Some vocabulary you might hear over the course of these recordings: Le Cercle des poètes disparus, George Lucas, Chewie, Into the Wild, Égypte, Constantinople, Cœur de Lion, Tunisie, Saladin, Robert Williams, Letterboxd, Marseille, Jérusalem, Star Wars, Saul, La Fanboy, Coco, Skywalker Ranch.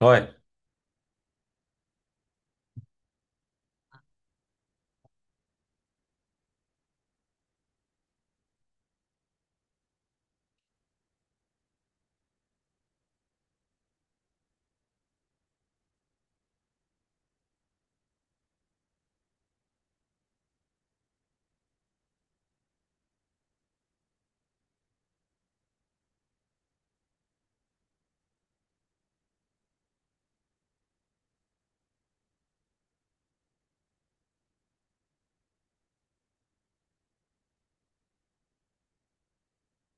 Ouais.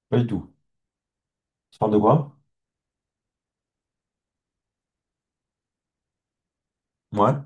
Pas du tout. Ça parle de quoi? Ouais.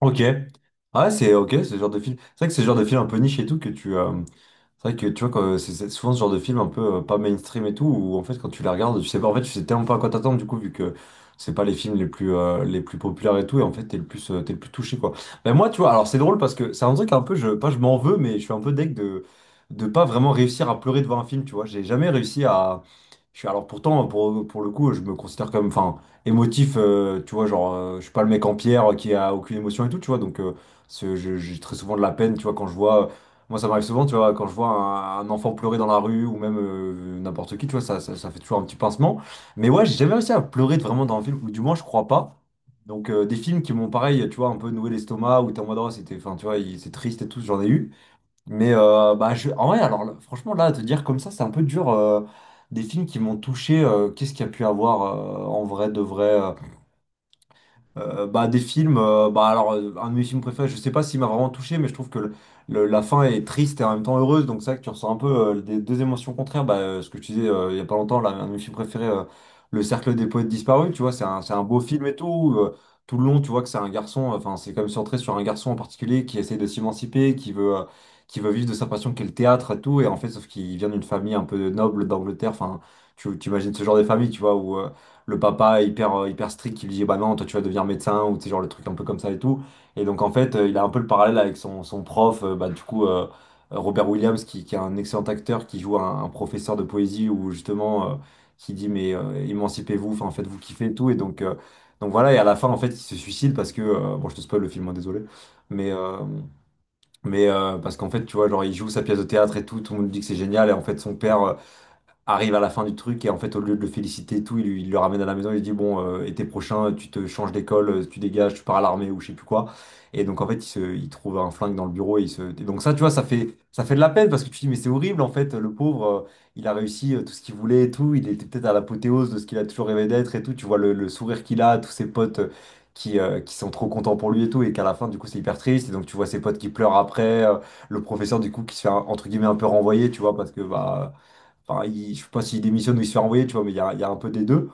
Ok. Ah, c'est ok, c'est ce genre de film. C'est vrai que c'est le genre de film un peu niche et tout que tu. C'est vrai que tu vois, c'est souvent ce genre de film un peu pas mainstream et tout, où en fait, quand tu les regardes, tu sais pas, en fait, tu sais tellement pas à quoi t'attendre, du coup, vu que c'est pas les films les plus populaires et tout, et en fait, t'es le plus touché, quoi. Ben moi, tu vois, alors c'est drôle parce que c'est un truc un peu, pas je m'en veux, mais je suis un peu deg de pas vraiment réussir à pleurer devant un film, tu vois. J'ai jamais réussi à. Je suis, alors pourtant, pour le coup, je me considère comme. Enfin, émotif, tu vois, genre, je suis pas le mec en pierre qui a aucune émotion et tout, tu vois, donc j'ai très souvent de la peine, tu vois, quand je vois, moi ça m'arrive souvent, tu vois, quand je vois un enfant pleurer dans la rue ou même n'importe qui, tu vois, ça fait toujours un petit pincement. Mais ouais, j'ai jamais réussi à pleurer vraiment dans un film, ou du moins je crois pas. Donc des films qui m'ont pareil, tu vois, un peu noué l'estomac, ou t'es en mode, oh, c'était, enfin, tu vois, c'est triste et tout, j'en ai eu. Mais bah, en vrai, alors là, franchement, là, à te dire comme ça, c'est un peu dur. Des films qui m'ont touché, qu'est-ce qu'il y a pu avoir en vrai, de vrai. Bah, des films, bah, alors, un de mes films préférés, je sais pas s'il m'a vraiment touché, mais je trouve que la fin est triste et en même temps heureuse, donc c'est vrai que tu ressens un peu des deux émotions contraires. Bah, ce que je te disais il y a pas longtemps, là, un de mes films préférés, Le Cercle des poètes disparus, tu vois, c'est un beau film et tout. Où, tout le long, tu vois que c'est un garçon, enfin, c'est comme centré sur un garçon en particulier qui essaie de s'émanciper, qui veut vivre de sa passion qu'est le théâtre et tout, et en fait, sauf qu'il vient d'une famille un peu noble d'Angleterre, enfin, tu imagines ce genre de famille, tu vois, où. Le papa hyper, hyper strict qui lui dit bah non toi tu vas devenir médecin ou tu sais genre le truc un peu comme ça et tout, et donc en fait il a un peu le parallèle avec son prof bah du coup Robert Williams qui est un excellent acteur qui joue un professeur de poésie où justement qui dit mais émancipez-vous, enfin, faites-vous kiffer et tout, et donc voilà, et à la fin en fait il se suicide parce que bon, je te spoil le film, hein, désolé, mais euh, mais parce qu'en fait tu vois genre il joue sa pièce de théâtre et tout, tout le monde dit que c'est génial, et en fait son père arrive à la fin du truc, et en fait au lieu de le féliciter et tout, il le ramène à la maison, il lui dit bon, été prochain tu te changes d'école, tu dégages, tu pars à l'armée ou je sais plus quoi. Et donc en fait il trouve un flingue dans le bureau et il se et donc ça tu vois, ça fait de la peine, parce que tu te dis mais c'est horrible en fait, le pauvre il a réussi tout ce qu'il voulait et tout, il était peut-être à l'apothéose de ce qu'il a toujours rêvé d'être et tout, tu vois le sourire qu'il a, tous ses potes qui sont trop contents pour lui et tout, et qu'à la fin du coup c'est hyper triste, et donc tu vois ses potes qui pleurent après, le professeur du coup qui se fait entre guillemets un peu renvoyer, tu vois, parce que bah, enfin, je sais pas s'il démissionne ou il se fait renvoyer, tu vois, mais il y a un peu des deux.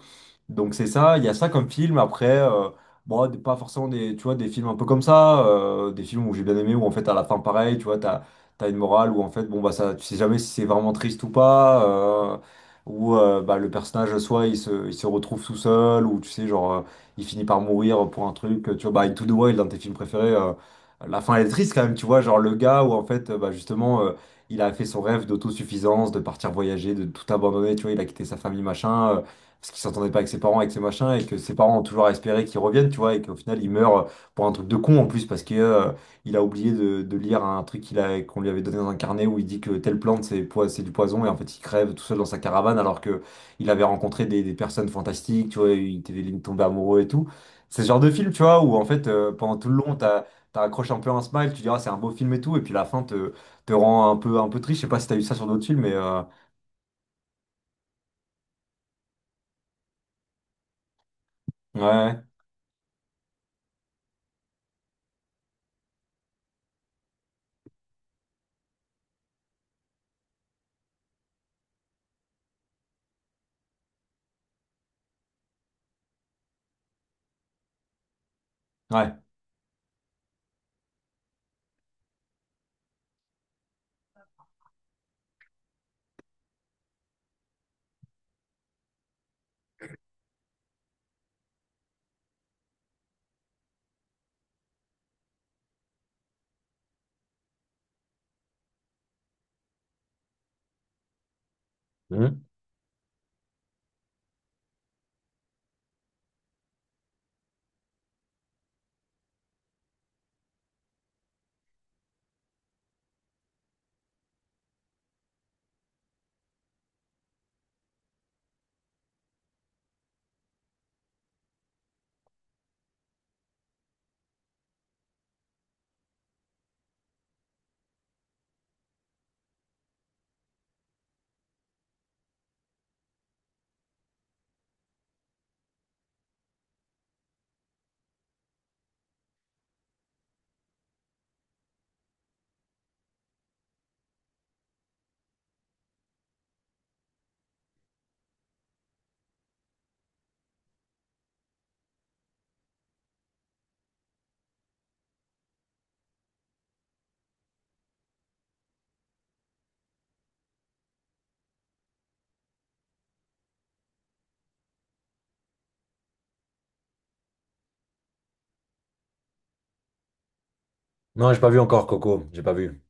Donc c'est ça, il y a ça comme film. Après, bon, pas forcément des, tu vois, des films un peu comme ça, des films où j'ai bien aimé, où en fait à la fin pareil, tu vois, t'as une morale où en fait, bon bah ça, tu sais jamais si c'est vraiment triste ou pas, euh, ou bah, le personnage soit il se retrouve tout seul, ou tu sais genre il finit par mourir pour un truc, tu vois, bah Into the Wild, un de tes films préférés, la fin elle est triste quand même, tu vois, genre le gars où en fait, bah justement. Il a fait son rêve d'autosuffisance, de partir voyager, de tout abandonner, tu vois, il a quitté sa famille, machin. Parce qu'il s'entendait pas avec ses parents, avec ses machins, et que ses parents ont toujours espéré qu'il revienne, tu vois, et qu'au final il meurt pour un truc de con en plus, parce que il a oublié de lire un truc qu'il a, qu'on lui avait donné dans un carnet où il dit que telle plante c'est du poison, et en fait il crève tout seul dans sa caravane alors que il avait rencontré des personnes fantastiques, tu vois, il était il tombé amoureux et tout. C'est ce genre de film, tu vois, où en fait pendant tout le long t'as accroché un peu un smile, tu diras c'est un beau film et tout, et puis la fin te rend un peu triste. Je sais pas si t'as eu ça sur d'autres films, mais ouais, ouais. Non, j'ai pas vu encore Coco, j'ai pas vu.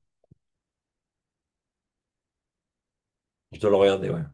Je dois le regarder, ouais.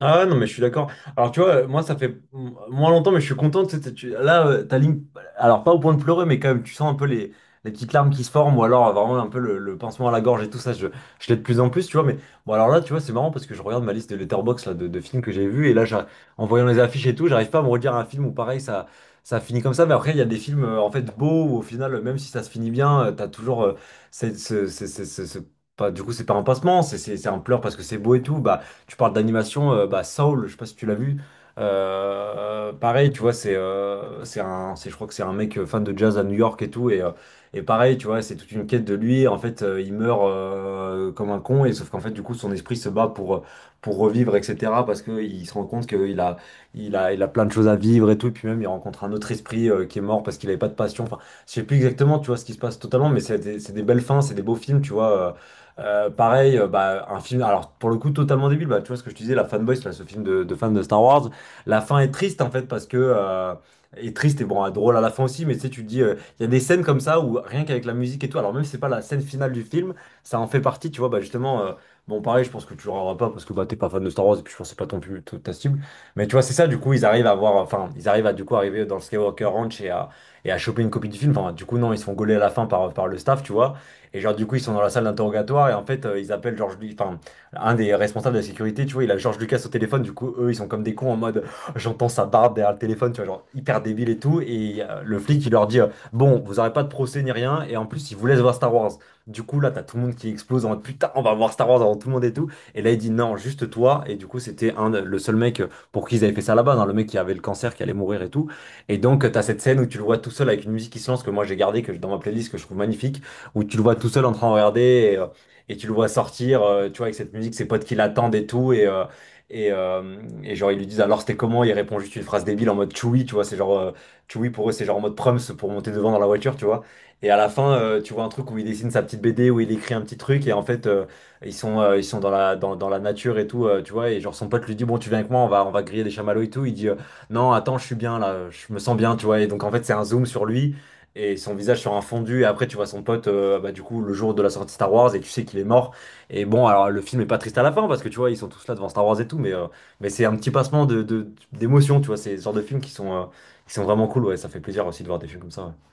Ah ouais, non, mais je suis d'accord. Alors, tu vois, moi, ça fait moins longtemps, mais je suis content. Tu sais, là, ta ligne, alors pas au point de pleurer, mais quand même, tu sens un peu les petites larmes qui se forment, ou alors vraiment un peu le pincement à la gorge et tout ça. Je l'ai de plus en plus, tu vois. Mais bon, alors là, tu vois, c'est marrant parce que je regarde ma liste de Letterboxd là, de films que j'ai vus, et là, en voyant les affiches et tout, j'arrive pas à me redire un film où pareil, ça finit comme ça. Mais après, il y a des films, en fait, beaux, où au final, même si ça se finit bien, t'as toujours. Cette- ce- ce- ce- ce- ce- pas, du coup, c'est pas un pincement, c'est un pleur parce que c'est beau et tout. Bah, tu parles d'animation, bah Saul, je sais pas si tu l'as vu. Pareil, tu vois, je crois que c'est un mec fan de jazz à New York et tout, et pareil, tu vois, c'est toute une quête de lui. En fait, il meurt comme un con, et sauf qu'en fait, du coup, son esprit se bat pour revivre, etc. Parce que il se rend compte qu'il a plein de choses à vivre et tout, et puis même il rencontre un autre esprit qui est mort parce qu'il avait pas de passion. Enfin, je sais plus exactement, tu vois, ce qui se passe totalement, mais c'est des belles fins, c'est des beaux films, tu vois. Pareil, bah, un film, alors pour le coup totalement débile, bah, tu vois ce que je te disais, La Fanboy, c'est là, ce film de fans de Star Wars. La fin est triste en fait parce que... est triste et bon, drôle à la fin aussi, mais tu sais, tu te dis, il y a des scènes comme ça où rien qu'avec la musique et tout, alors même si c'est pas la scène finale du film, ça en fait partie, tu vois, bah justement, bon pareil, je pense que tu l'auras pas parce que bah t'es pas fan de Star Wars et puis je pense que c'est pas ton plus ta cible, mais tu vois, c'est ça, du coup, ils arrivent à voir, enfin, ils arrivent à du coup arriver dans le Skywalker Ranch et à choper une copie du film, enfin, du coup, non, ils se font gauler à la fin par le staff, tu vois. Et genre, du coup, ils sont dans la salle d'interrogatoire et en fait, ils appellent George Lucas, enfin, un des responsables de la sécurité, tu vois, il a George Lucas au téléphone, du coup, eux, ils sont comme des cons en mode, j'entends sa barbe derrière le téléphone, tu vois, genre, hyper débile et tout. Et le flic, il leur dit, bon, vous aurez pas de procès ni rien, et en plus, il vous laisse voir Star Wars. Du coup, là, t'as tout le monde qui explose en mode, putain, on va voir Star Wars avant tout le monde et tout. Et là, il dit, non, juste toi. Et du coup, c'était un, le seul mec pour qui ils avaient fait ça là-bas, hein, le mec qui avait le cancer, qui allait mourir et tout. Et donc, t'as cette scène où tu le vois tout seul avec une musique qui se lance que moi j'ai gardée que, dans ma playlist, que je trouve magnifique, où tu le vois tout seul en train de regarder, et, euh, et tu le vois sortir, tu vois, avec cette musique, ses potes qui l'attendent et tout. Et, euh, et genre, ils lui disent alors c'était comment? Il répond juste une phrase débile en mode Chewie, tu vois, c'est genre Chewie pour eux, c'est genre en mode Prums pour monter devant dans la voiture, tu vois. Et à la fin, tu vois un truc où il dessine sa petite BD, où il écrit un petit truc, et en fait, ils sont dans la nature et tout, tu vois. Et genre, son pote lui dit, bon, tu viens avec moi, on va griller des chamallows et tout. Il dit, non, attends, je suis bien là, je me sens bien, tu vois. Et donc, en fait, c'est un zoom sur lui et son visage sur un fondu. Et après, tu vois son pote, bah, du coup, le jour de la sortie Star Wars, et tu sais qu'il est mort. Et bon, alors le film est pas triste à la fin, parce que tu vois, ils sont tous là devant Star Wars et tout, mais, mais c'est un petit passement d'émotion, tu vois. C'est ce genre de films qui sont vraiment cool, ouais. Ça fait plaisir aussi de voir des films comme ça, ouais.